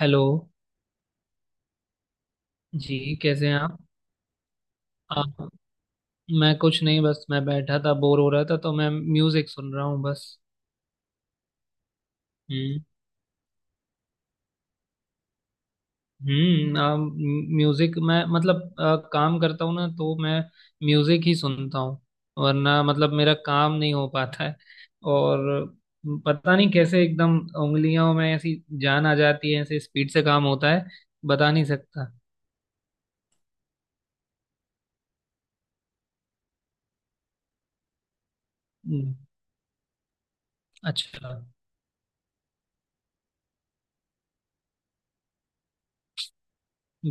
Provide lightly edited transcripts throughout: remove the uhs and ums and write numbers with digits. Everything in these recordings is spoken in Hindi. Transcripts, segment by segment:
हेलो जी, कैसे हैं आप? आप। मैं कुछ नहीं, बस मैं बैठा था, बोर हो रहा था तो मैं म्यूजिक सुन रहा हूँ बस। हम्म। हम्म आ, म्यूजिक मैं मतलब काम करता हूँ ना तो मैं म्यूजिक ही सुनता हूँ, वरना मतलब मेरा काम नहीं हो पाता है। और पता नहीं कैसे एकदम उंगलियों में ऐसी जान आ जाती है, ऐसे स्पीड से काम होता है, बता नहीं सकता। हम्म, अच्छा।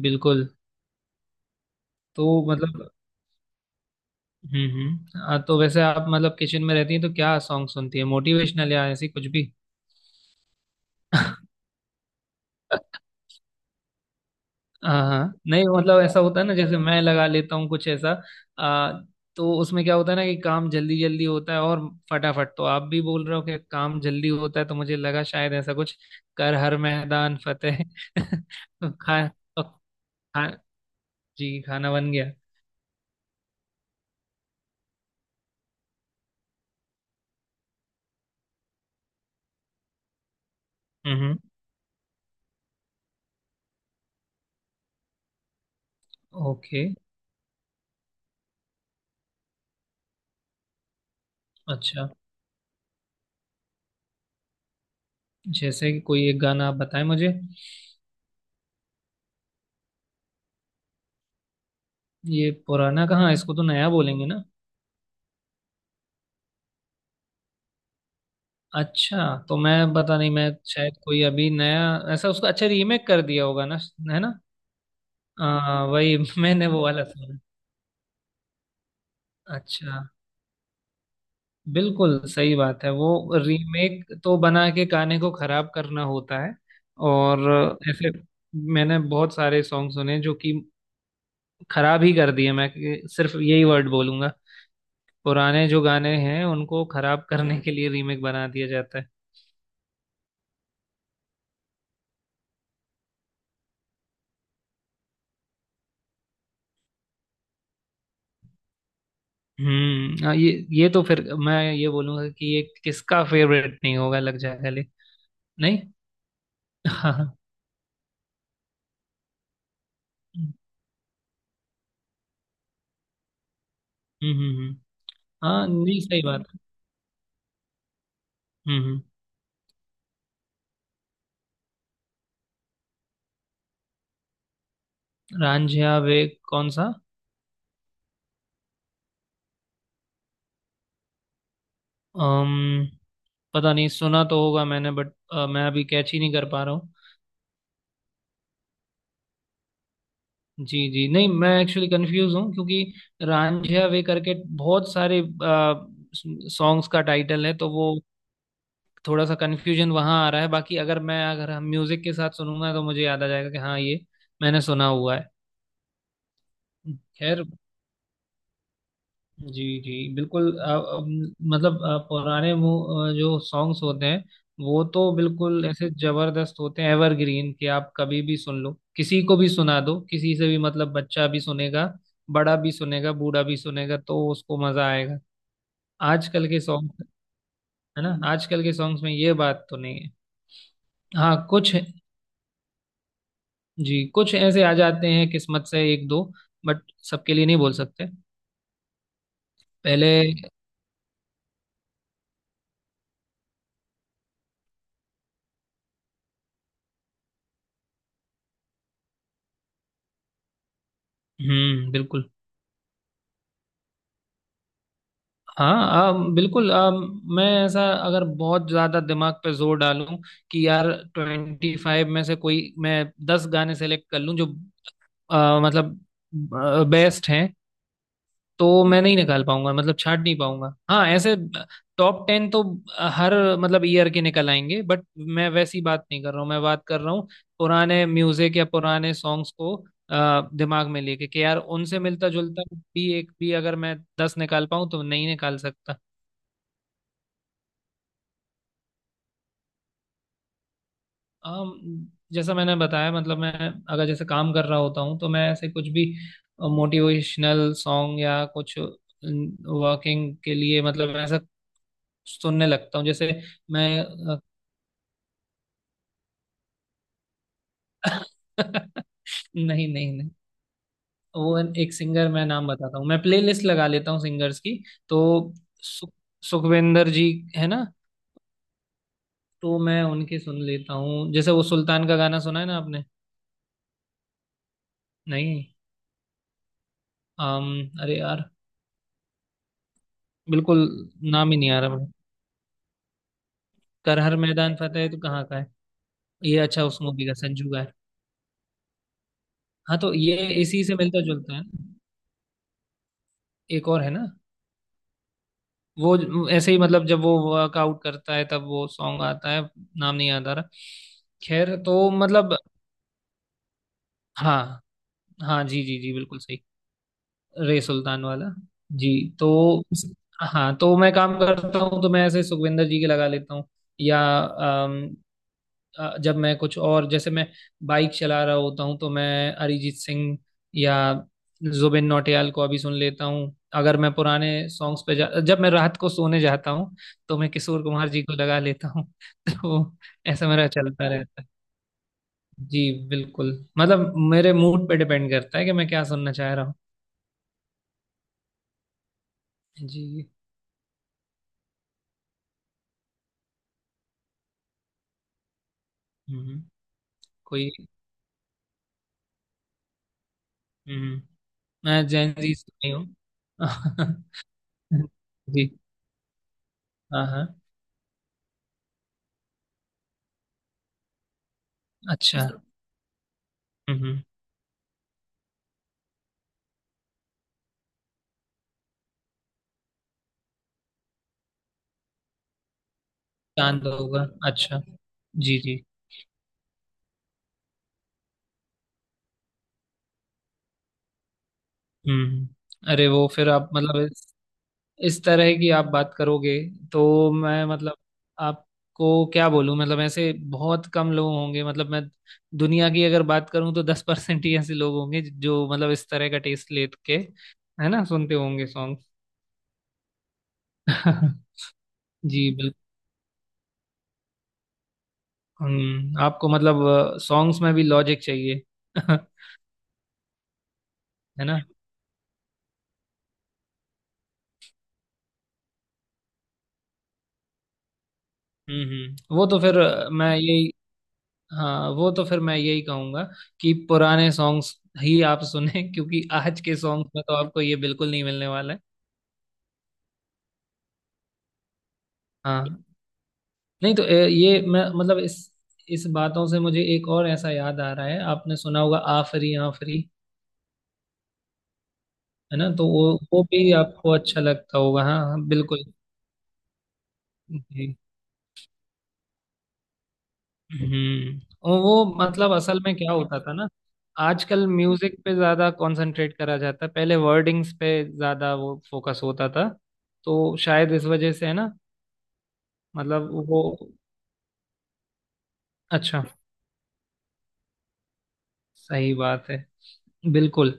बिल्कुल। तो मतलब। हम्म, हाँ, तो वैसे आप मतलब किचन में रहती हैं तो क्या सॉन्ग सुनती है, मोटिवेशनल या ऐसी कुछ भी? हाँ हाँ, नहीं मतलब ऐसा होता है ना, जैसे मैं लगा लेता हूँ कुछ ऐसा। आ, तो उसमें क्या होता है ना कि काम जल्दी जल्दी होता है, और फटाफट। तो आप भी बोल रहे हो कि काम जल्दी होता है तो मुझे लगा शायद ऐसा कुछ। कर हर मैदान फतेह। तो खा जी खाना बन गया। हम्म, ओके, अच्छा। जैसे कि कोई एक गाना आप बताएं मुझे। ये पुराना कहाँ, इसको तो नया बोलेंगे ना। अच्छा, तो मैं पता नहीं, मैं शायद कोई अभी नया ऐसा उसको अच्छा रीमेक कर दिया होगा ना, है ना। वही। मैंने वो वाला सुना। अच्छा, बिल्कुल सही बात है वो। रीमेक तो बना के गाने को खराब करना होता है। और ऐसे मैंने बहुत सारे सॉन्ग सुने जो कि खराब ही कर दिए। मैं सिर्फ यही वर्ड बोलूंगा, पुराने जो गाने हैं उनको खराब करने के लिए रीमेक बना दिया जाता है। हम्म, हाँ, ये तो फिर मैं ये बोलूंगा कि ये किसका फेवरेट नहीं होगा लग जाए गले। नहीं। हाँ हाँ। हम्म हम्म हम्म। हाँ, नहीं, सही बात है। हम्म हम्म। रांझिया वे, कौन सा? अम्म पता नहीं, सुना तो होगा मैंने बट मैं अभी कैच ही नहीं कर पा रहा हूँ। जी जी नहीं, मैं एक्चुअली कंफ्यूज हूँ क्योंकि रांझिया वे करके बहुत सारे सॉन्ग्स का टाइटल है, तो वो थोड़ा सा कन्फ्यूजन वहां आ रहा है। बाकी अगर मैं अगर हम म्यूजिक के साथ सुनूंगा तो मुझे याद आ जाएगा कि हाँ ये मैंने सुना हुआ है। खैर, जी जी बिल्कुल। मतलब पुराने जो सॉन्ग्स होते हैं, वो तो बिल्कुल ऐसे जबरदस्त होते हैं, एवरग्रीन, कि आप कभी भी सुन लो, किसी को भी सुना दो, किसी से भी, मतलब बच्चा भी सुनेगा, बड़ा भी सुनेगा, बूढ़ा भी सुनेगा, तो उसको मजा आएगा। आजकल के सॉन्ग, है ना, आजकल के सॉन्ग्स में ये बात तो नहीं है। हाँ, कुछ जी कुछ ऐसे आ जाते हैं किस्मत से एक दो, बट सबके लिए नहीं बोल सकते। पहले। हम्म, बिल्कुल, हाँ। बिल्कुल मैं ऐसा अगर बहुत ज़्यादा दिमाग पे जोर डालूं कि यार 25 में से कोई मैं 10 गाने सेलेक्ट कर लूं जो मतलब बेस्ट हैं, तो मैं नहीं निकाल पाऊंगा, मतलब छाट नहीं पाऊंगा। हाँ ऐसे टॉप 10 तो हर मतलब ईयर के निकल आएंगे, बट मैं वैसी बात नहीं कर रहा हूँ। मैं बात कर रहा हूँ पुराने म्यूजिक या पुराने सॉन्ग्स को दिमाग में लेके कि यार उनसे मिलता जुलता भी एक भी अगर मैं 10 निकाल पाऊँ तो नहीं निकाल सकता। अम, जैसा मैंने बताया, मतलब मैं अगर जैसे काम कर रहा होता हूँ तो मैं ऐसे कुछ भी मोटिवेशनल सॉन्ग या कुछ वर्किंग के लिए, मतलब ऐसा सुनने लगता हूँ, जैसे मैं। नहीं नहीं नहीं। वो एक सिंगर, मैं नाम बताता हूँ, मैं प्लेलिस्ट लगा लेता हूँ सिंगर्स की, तो सु, सुखविंदर जी, है ना। तो मैं उनके सुन लेता हूँ, जैसे वो सुल्तान का गाना सुना है ना आपने? नहीं। अम अरे यार, बिल्कुल नाम ही नहीं आ रहा मुझे। कर हर मैदान फतेह है, तो कहाँ का है ये? अच्छा, उस मूवी का, संजू का है। हाँ तो ये इसी से मिलता जुलता है ना। एक और है ना, वो ऐसे ही, मतलब जब वो वर्कआउट करता है तब वो सॉन्ग आता है, नाम नहीं याद आ रहा। खैर, तो मतलब। हाँ हाँ जी जी जी बिल्कुल सही, रे सुल्तान वाला। जी तो। हाँ तो मैं काम करता हूँ तो मैं ऐसे सुखविंदर जी के लगा लेता हूँ, या जब मैं कुछ और, जैसे मैं बाइक चला रहा होता हूँ, तो मैं अरिजीत सिंह या जुबिन नौटियाल को अभी सुन लेता हूँ। अगर मैं पुराने सॉन्ग्स पे जा जब मैं रात को सोने जाता हूँ तो मैं किशोर कुमार जी को लगा लेता हूँ। तो ऐसा मेरा चलता रहता है। जी बिल्कुल, मतलब मेरे मूड पे डिपेंड करता है कि मैं क्या सुनना चाह रहा हूँ। जी। हम्म। कोई। हम्म। मैं जैन जी से नहीं हूँ। जी। हाँ हाँ, अच्छा। हम्म, चांद होगा। अच्छा, जी जी। हम्म हम्म। अरे वो, फिर आप मतलब इस तरह की आप बात करोगे तो मैं मतलब आपको क्या बोलूं, मतलब ऐसे बहुत कम लोग होंगे, मतलब मैं दुनिया की अगर बात करूं तो 10% ही ऐसे लोग होंगे जो मतलब इस तरह का टेस्ट लेके, है ना, सुनते होंगे सॉन्ग। जी बिल्कुल। आपको मतलब सॉन्ग्स में भी लॉजिक चाहिए। है ना। हम्म, वो तो फिर मैं यही कहूंगा कि पुराने सॉन्ग्स ही आप सुने, क्योंकि आज के सॉन्ग्स में तो आपको ये बिल्कुल नहीं मिलने वाला है। हाँ, नहीं तो ये मैं मतलब इस बातों से मुझे एक और ऐसा याद आ रहा है, आपने सुना होगा आफरी आफरी। है ना, तो वो भी आपको अच्छा लगता होगा। हाँ हाँ, बिल्कुल। हम्म। और वो मतलब असल में क्या होता था ना, आजकल म्यूजिक पे ज्यादा कंसंट्रेट करा जाता है, पहले वर्डिंग्स पे ज्यादा वो फोकस होता था, तो शायद इस वजह से, है ना। मतलब वो, अच्छा। सही बात है। बिल्कुल।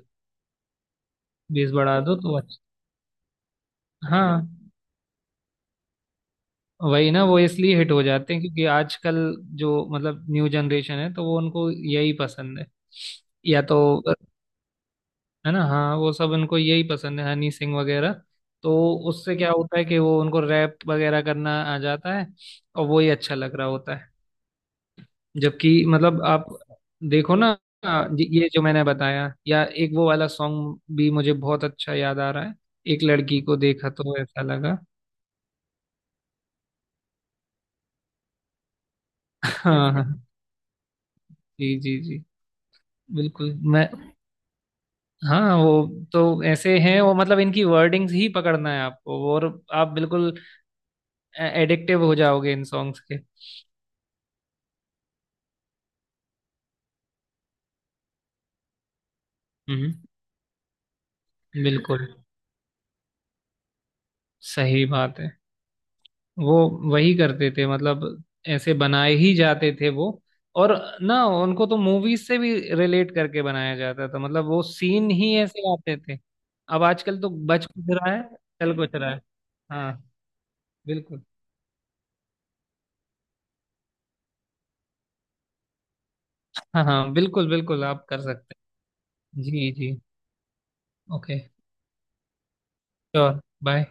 बेस बढ़ा दो तो अच्छा। हाँ, वही ना, वो इसलिए हिट हो जाते हैं क्योंकि आजकल जो मतलब न्यू जनरेशन है, तो वो उनको यही पसंद है, या तो, है ना, हाँ वो सब उनको यही पसंद है, हनी सिंह वगैरह। तो उससे क्या होता है कि वो उनको रैप वगैरह करना आ जाता है, और वो ही अच्छा लग रहा होता है, जबकि मतलब आप देखो ना। ये जो मैंने बताया या एक वो वाला सॉन्ग भी मुझे बहुत अच्छा याद आ रहा है, एक लड़की को देखा तो ऐसा लगा। हाँ हाँ। जी जी जी। बिल्कुल मैं हाँ, वो तो ऐसे हैं वो, मतलब इनकी वर्डिंग्स ही पकड़ना है आपको, और आप बिल्कुल एडिक्टिव हो जाओगे इन सॉन्ग्स के। हम्म, बिल्कुल सही बात है। वो वही करते थे, मतलब ऐसे बनाए ही जाते थे वो। और ना उनको तो मूवीज से भी रिलेट करके बनाया जाता था, मतलब वो सीन ही ऐसे आते थे। अब आजकल तो बच कुछ रहा है, चल कुछ रहा है। हाँ, बिल्कुल। हाँ हाँ, बिल्कुल बिल्कुल आप कर सकते हैं। जी जी, ओके, श्योर, बाय।